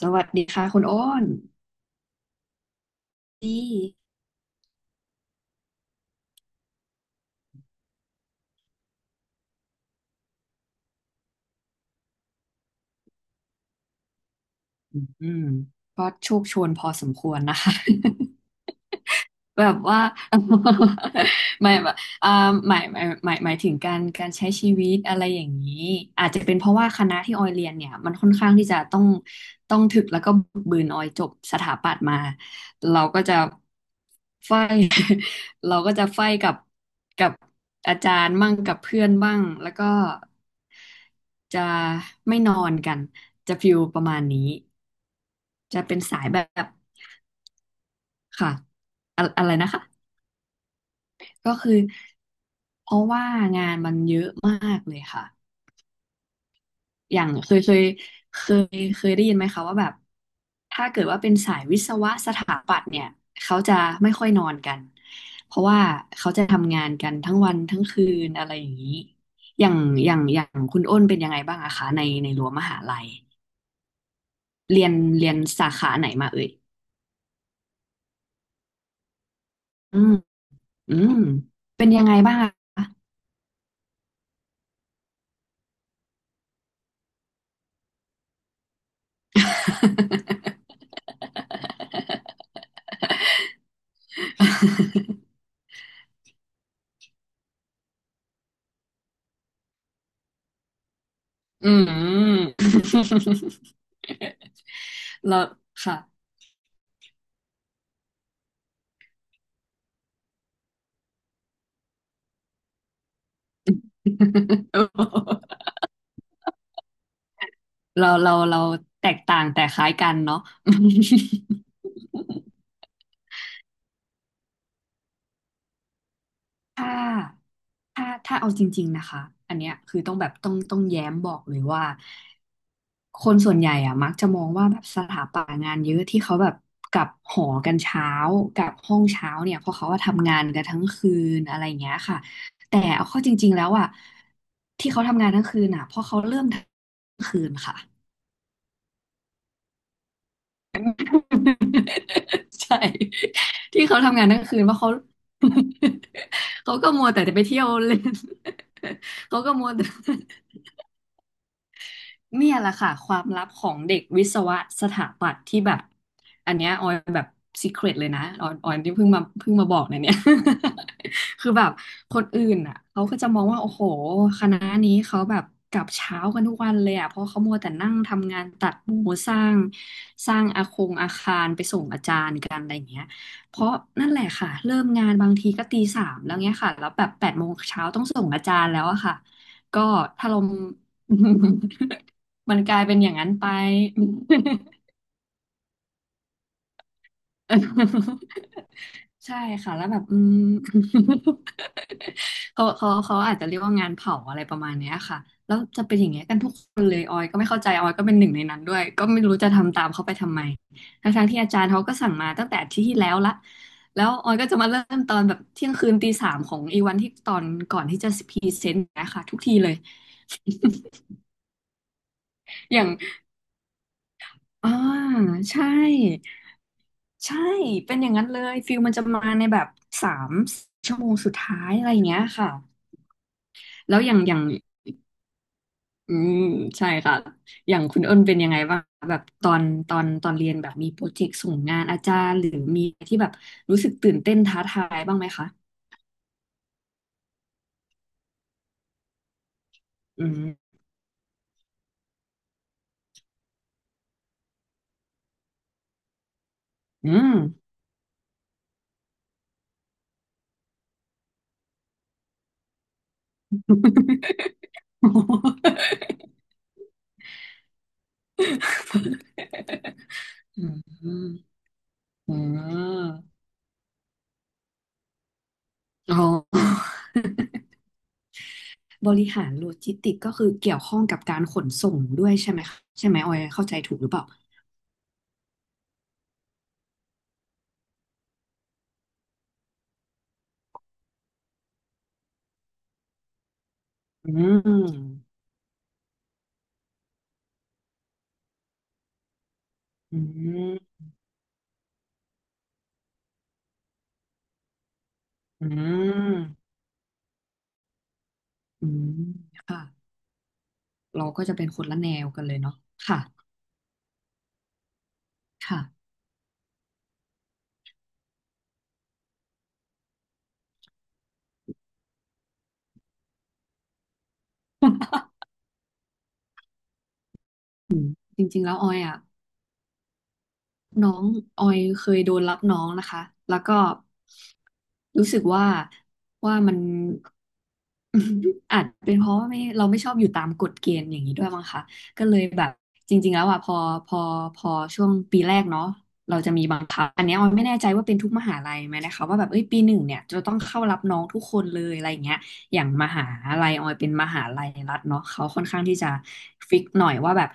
สวัสดีค่ะคุณโอ้นดีอืมก็โชวนพอสมควรนะคะ แบบว่า ไม่แบบอ่าหมายถึงการใช้ชีวิตอะไรอย่างนี้ อาจจะเป็นเพราะว่าคณะที่ออยเรียนเนี่ยมันค่อนข้างที่จะต้องถึกแล้วก็บึกบืนออยจบสถาปัตย์มา เราก็จะไฟ เราก็จะไฟกับอาจารย์บ้างกับเพื่อนบ้างแล้วก็จะไม่นอนกันจะฟิลประมาณนี้จะเป็นสายแบบค่ะอะอะไรนะคะก็คือเพราะว่างานมันเยอะมากเลยค่ะ อย่างเคเคยได้ยินไหมคะว่าแบบถ้าเกิดว่าเป็นสายวิศวะสถาปัตย์เนี่ยเขาจะไม่ค่อยนอนกันเพราะว่าเขาจะทำงานกันทั้งวันทั้งคืนอะไรอย่างนี้อย่างอย่างคุณอ้นเป็นยังไงบ้างอะคะในรั้วมหาลัยเรียนสาขาไหนมาเอ่ยอืมอืมเป็นยังไงบ้างอะคะ อืม แล้วค่ะ เราแตกต่างแต่คล้ายกันเนาะ ถ้าถ้าเอาจริงๆนะคะอันเนี้ยคือต้องแบบต้องแย้มบอกเลยว่าคนส่วนใหญ่อะมักจะมองว่าแบบสถาปัตย์งานเยอะที่เขาแบบกลับหอกันเช้ากลับห้องเช้าเนี่ยเพราะเขาว่าทำงานกันทั้งคืนอะไรอย่างเงี้ยค่ะแต่เอาเข้าจริงๆแล้วอะที่เขาทำงานทั้งคืนอะเพราะเขาเริ่มทั้งคืนค่ะ ใช่ที่เขาทำงานทั้งคืนเพราะเขา เขาก็มัวแต่จะไปเที่ยวเล่น เขาก็มัวแต่ เนี่ยแหละค่ะความลับของเด็กวิศวะสถาปัตย์ที่แบบอันเนี้ยออยแบบซีเครตเลยนะออยที่เพิ่งมาบอกเนี่ย คือแบบคนอื่นอ่ะเขาก็จะมองว่าโอ้โหคณะนี้เขาแบบกลับเช้ากันทุกวันเลยอ่ะเพราะเขามัวแต่นั่งทำงานตัดหมูสร้างสร้างอาคารไปส่งอาจารย์กันอะไรอย่างเงี้ยเพราะนั่นแหละค่ะเริ่มงานบางทีก็ตีสามแล้วเงี้ยค่ะแล้วแบบแปดโมงเช้าต้องส่งอาจารย์แล้วอะค่ะก็ถ้าเรา มันกลายเป็นอย่างนั้นไป ใช่ค่ะแล้วแบบ เขาอาจจะเรียกว่างานเผาอะไรประมาณเนี้ยค่ะแล้วจะเป็นอย่างเงี้ยกันทุกคนเลยออยก็ไม่เข้าใจออยก็เป็นหนึ่งในนั้นด้วยก็ไม่รู้จะทำตามเขาไปทำไมทั้งๆที่อาจารย์เขาก็สั่งมาตั้งแต่อาทิตย์ที่แล้วละแล้วออยก็จะมาเริ่มตอนแบบเที่ยงคืนตีสามของอีวันที่ตอนก่อนที่จะพรีเซนต์นะคะทุกทีเลย อย่างอ่าใช่ ใช่เป็นอย่างนั้นเลย ฟิลมันจะมาในแบบสามชั่วโมงสุดท้ายอะไรอย่างเงี้ยค่ะ แล้วอย่างอืมใช่ค่ะ อย่างคุณอ้นเป็นยังไงบ้างแบบตอนเรียนแบบมีโปรเจกต์ส่งงานอาจารย์หรือมีที่แบบรู้สึกตื่นเต้นท้าทายบ้างไหมคะอืมอืม อืม อืม อ๋อ บริหารโลจิสติกก็คือเกี่ยวข้องกับการขนส่งด้วยใช่ไหมคะใช่ไหมออยเข้าใจถูกหรือเปล่าอืมอืมอืมอืมค่ะเราก็จะเป็นคนละแนวกันเลยเนาะค่ะค่ะจริงๆแล้วออยอ่ะน้องออยเคยโดนรับน้องนะคะแล้วก็รู้สึกว่ามัน อาจเป็นเพราะว่าไม่เราไม่ชอบอยู่ตามกฎเกณฑ์อย่างนี้ด้วยมั้งคะก็เลยแบบจริงๆแล้วอ่ะพอพอช่วงปีแรกเนาะเราจะมีบังคับอันเนี้ยออยไม่แน่ใจว่าเป็นทุกมหาลัยไหมนะคะว่าแบบเอ้ยปีหนึ่งเนี่ยจะต้องเข้ารับน้องทุกคนเลยอะไรอย่างเงี้ยอย่างมหาลัยออยเป็นมหาลัยรัฐเนาะเขาค่อนข้างที่จะฟิกหน่อยว่าแบบ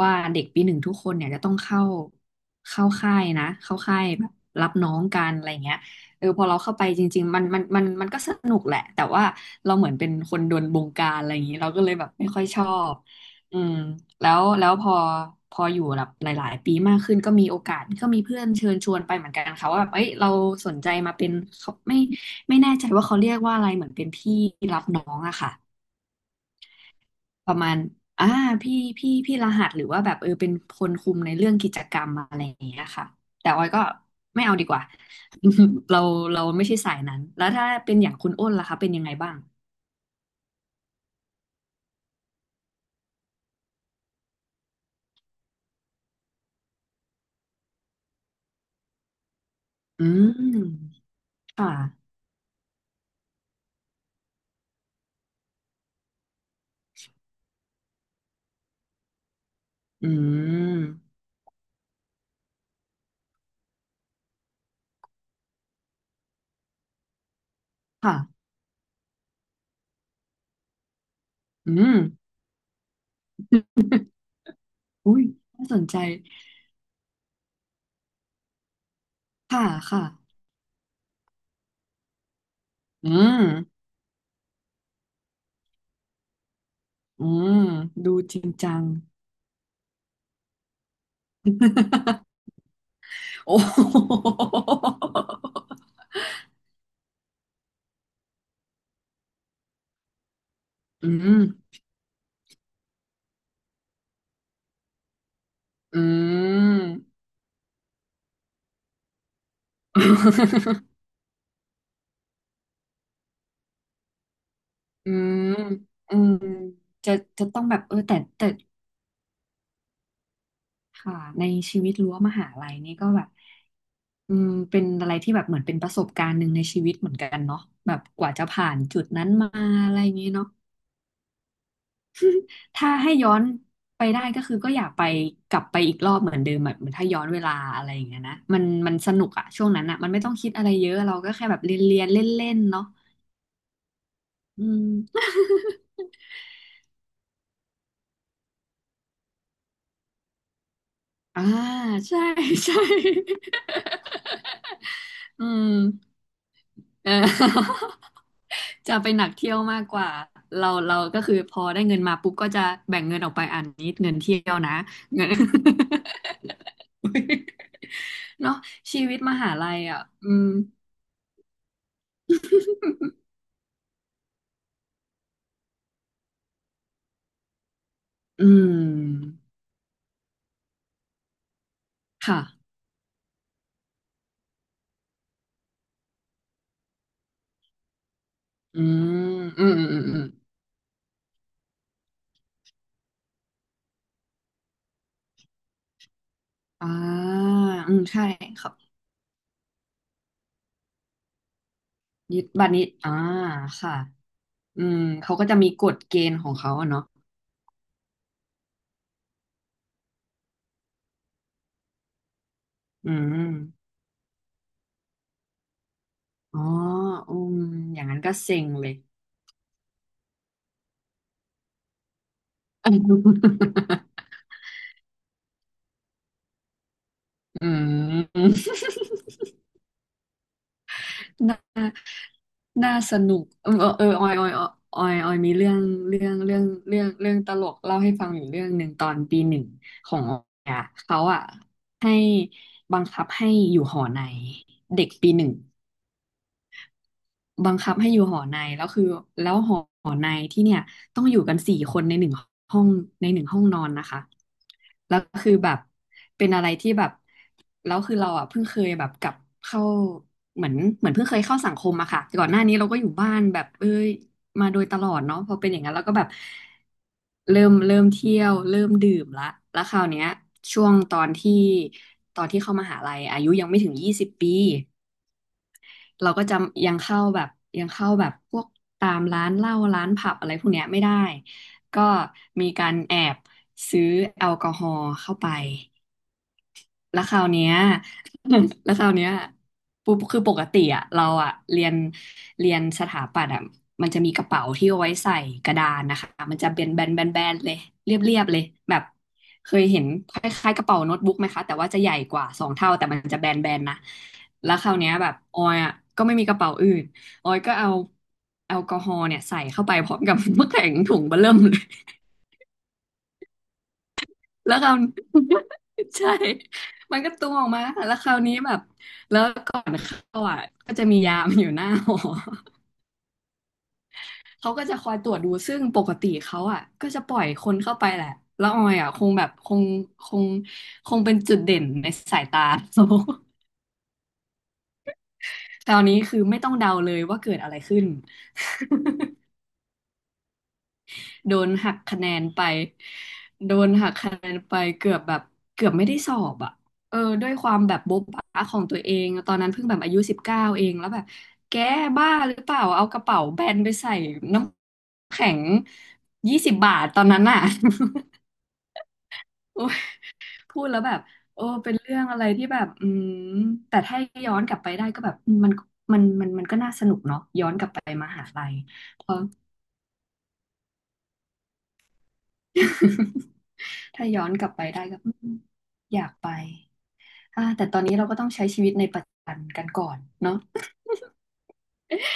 ว่าเด็กปีหนึ่งทุกคนเนี่ยจะต้องเข้าค่ายนะเข้าค่ายแบบรับน้องกันอะไรอย่างเงี้ย เออพอเราเข้าไปจริงๆมันก็สนุกแหละแต่ว่าเราเหมือนเป็นคนโดนบงการอะไรอย่างนี้เราก็เลยแบบไม่ค่อยชอบอืมแล้วพอพออยู่แบบหลายๆปีมากขึ้นก็มีโอกาสก็มีเพื่อนเชิญชวนไปเหมือนกันค่ะว่าแบบเอ้ยเราสนใจมาเป็นเขาไม่แน่ใจว่าเขาเรียกว่าอะไรเหมือนเป็นพี่รับน้องอะค่ะ ประมาณอ่าพี่พี่รหัสหรือว่าแบบเออเป็นคนคุมในเรื่องกิจกรรมอะไรอย่างเงี้ยค่ะแต่ออยก็ไม่เอาดีกว่า เราเราไม่ใช่สายนั้นแล้วถ้าเป็นอย่างคุณอ้นล่ะคะเป็นยังไงบ้างอืมค่ะอืมค่ะอืมอุ้ยน่าสนใจค่ะค่ะอืมอืมดูจริงจัง โอ้โหอืมอืม อืมอืมจะจะต้องแบบเออแต่ค่ะในชีวิตรั้วมหาลัยนี่ก็แบบอืมเป็นอะไรที่แบบเหมือนเป็นประสบการณ์หนึ่งในชีวิตเหมือนกันเนาะแบบกว่าจะผ่านจุดนั้นมาอะไรอย่างนี้เนาะถ้าให้ย้อนไปได้ก็คือก็อยากไปกลับไปอีกรอบเหมือนเดิมแบบเหมือนถ้าย้อนเวลาอะไรอย่างเงี้ยนะมันสนุกอะช่วงนั้นอะมันไม่ต้องคิดอะไรเยอะเราก็แค่แบบเรียนเรียนเล่นเล่นๆเนาะอืมอ่าใช่ ใช่ อืมเออ จะไปหนักเที่ยวมากกว่าเราก็คือพอได้เงินมาปุ๊บก็จะแบ่งเงินออกไปอันนี้เงินเที่ยวนะเงิน เนาะชีวิตมหาลัยอ่ะอืมอืมค่ะอืมอืมอ่าอืมใช่ครับยึดบัตรนี้อ่าค่ะอืมเขาก็จะมีกฎเกณฑ์ของเขาอะเนาะอืมอ๋ออืมอย่างนั้นก็เซ็งเลย อืมน่าน่าสนุกเออเออออยมีเรื่องเรื่องเรื่องเรื่องเรื่องตลกเล่าให้ฟังอยู่เรื่องหนึ่งตอนปีหนึ่งของออยอะเขาอะให้บังคับให้อยู่หอในเด็กปีหนึ่ง บังคับให้อยู่หอในแล้วคือแล้วหอในที่เนี่ยต้องอยู่กันสี่คนในหนึ่งห้องในหนึ่งห้องนอนนะคะแล้วคือแบบเป็นอะไรที่แบบแล้วคือเราอ่ะเพิ่งเคยแบบกลับเข้าเหมือนเหมือนเพิ่งเคยเข้าสังคมอะค่ะก่อนหน้านี้เราก็อยู่บ้านแบบเอ้ยมาโดยตลอดเนาะพอเป็นอย่างนั้นเราก็แบบเริ่มเที่ยวเริ่มดื่มละแล้วคราวเนี้ยช่วงตอนที่เข้ามหาลัยอายุยังไม่ถึง20 ปี เราก็จะยังเข้าแบบยังเข้าแบบพวกตามร้านเหล้าร้านผับอะไรพวกเนี้ยไม่ได้ก็มีการแอบซื้อแอลกอฮอล์เข้าไป แล้วคราวเนี้ย แล้วคราวเนี้ยปุ๊บคือปกติอะเราอะเรียนสถาปัตย์อะมันจะมีกระเป๋าที่เอาไว้ใส่กระดานนะคะมันจะเป็นแบนแบนแบนเลย เรียบเรียบเลยแบบเคยเห็นคล้ายๆกระเป๋าโน้ตบุ๊กไหมคะแต่ว่าจะใหญ่กว่าสองเท่าแต่มันจะแบนแบนนะแล้วคราวเนี้ยแบบออยอะก็ไม่มีกระเป๋าอื่นออยก็เอาแอลกอฮอล์เนี่ยใส่เข้าไปพร้อมกับ น้ำแข็งถุงเบ้อเริ่มเลย แล้วคราว ใช่มันก็ตูมออกมาแล้วคราวนี้แบบแล้วก่อนเข้าอ่ะก็จะมียามอยู่หน้าหอ เขาก็จะคอยตรวจดูซึ่งปกติเขาอ่ะก็จะปล่อยคนเข้าไปแหละแล้วออยอ่ะคงแบบคงคงเป็นจุดเด่นในสายตา คราวนี้คือไม่ต้องเดาเลยว่าเกิดอะไรขึ้น โดนหักคะแนนไปโดนหักคะแนนไปเกือบแบบเกือบไม่ได้สอบอ่ะเออด้วยความแบบโบ๊ะบ๊ะของตัวเองตอนนั้นเพิ่งแบบอายุ19เองแล้วแบบแกบ้าหรือเปล่าเอากระเป๋าแบนไปใส่น้ำแข็ง20 บาทตอนนั้นอ่ะ โอ้ยพูดแล้วแบบโอ้เป็นเรื่องอะไรที่แบบอืมแต่ถ้าย้อนกลับไปได้ก็แบบมันมันก็น่าสนุกเนาะย้อนกลับไปมหาลัย ถ้าย้อนกลับไปได้ก็อืมอยากไปอ่าแต่ตอนนี้เราก็ต้องใช้ชีวิตในปัจจุบันกันก่อนเนาะ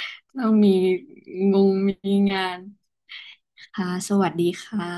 ต้องมีงงมีงานค่ะสวัสดีค่ะ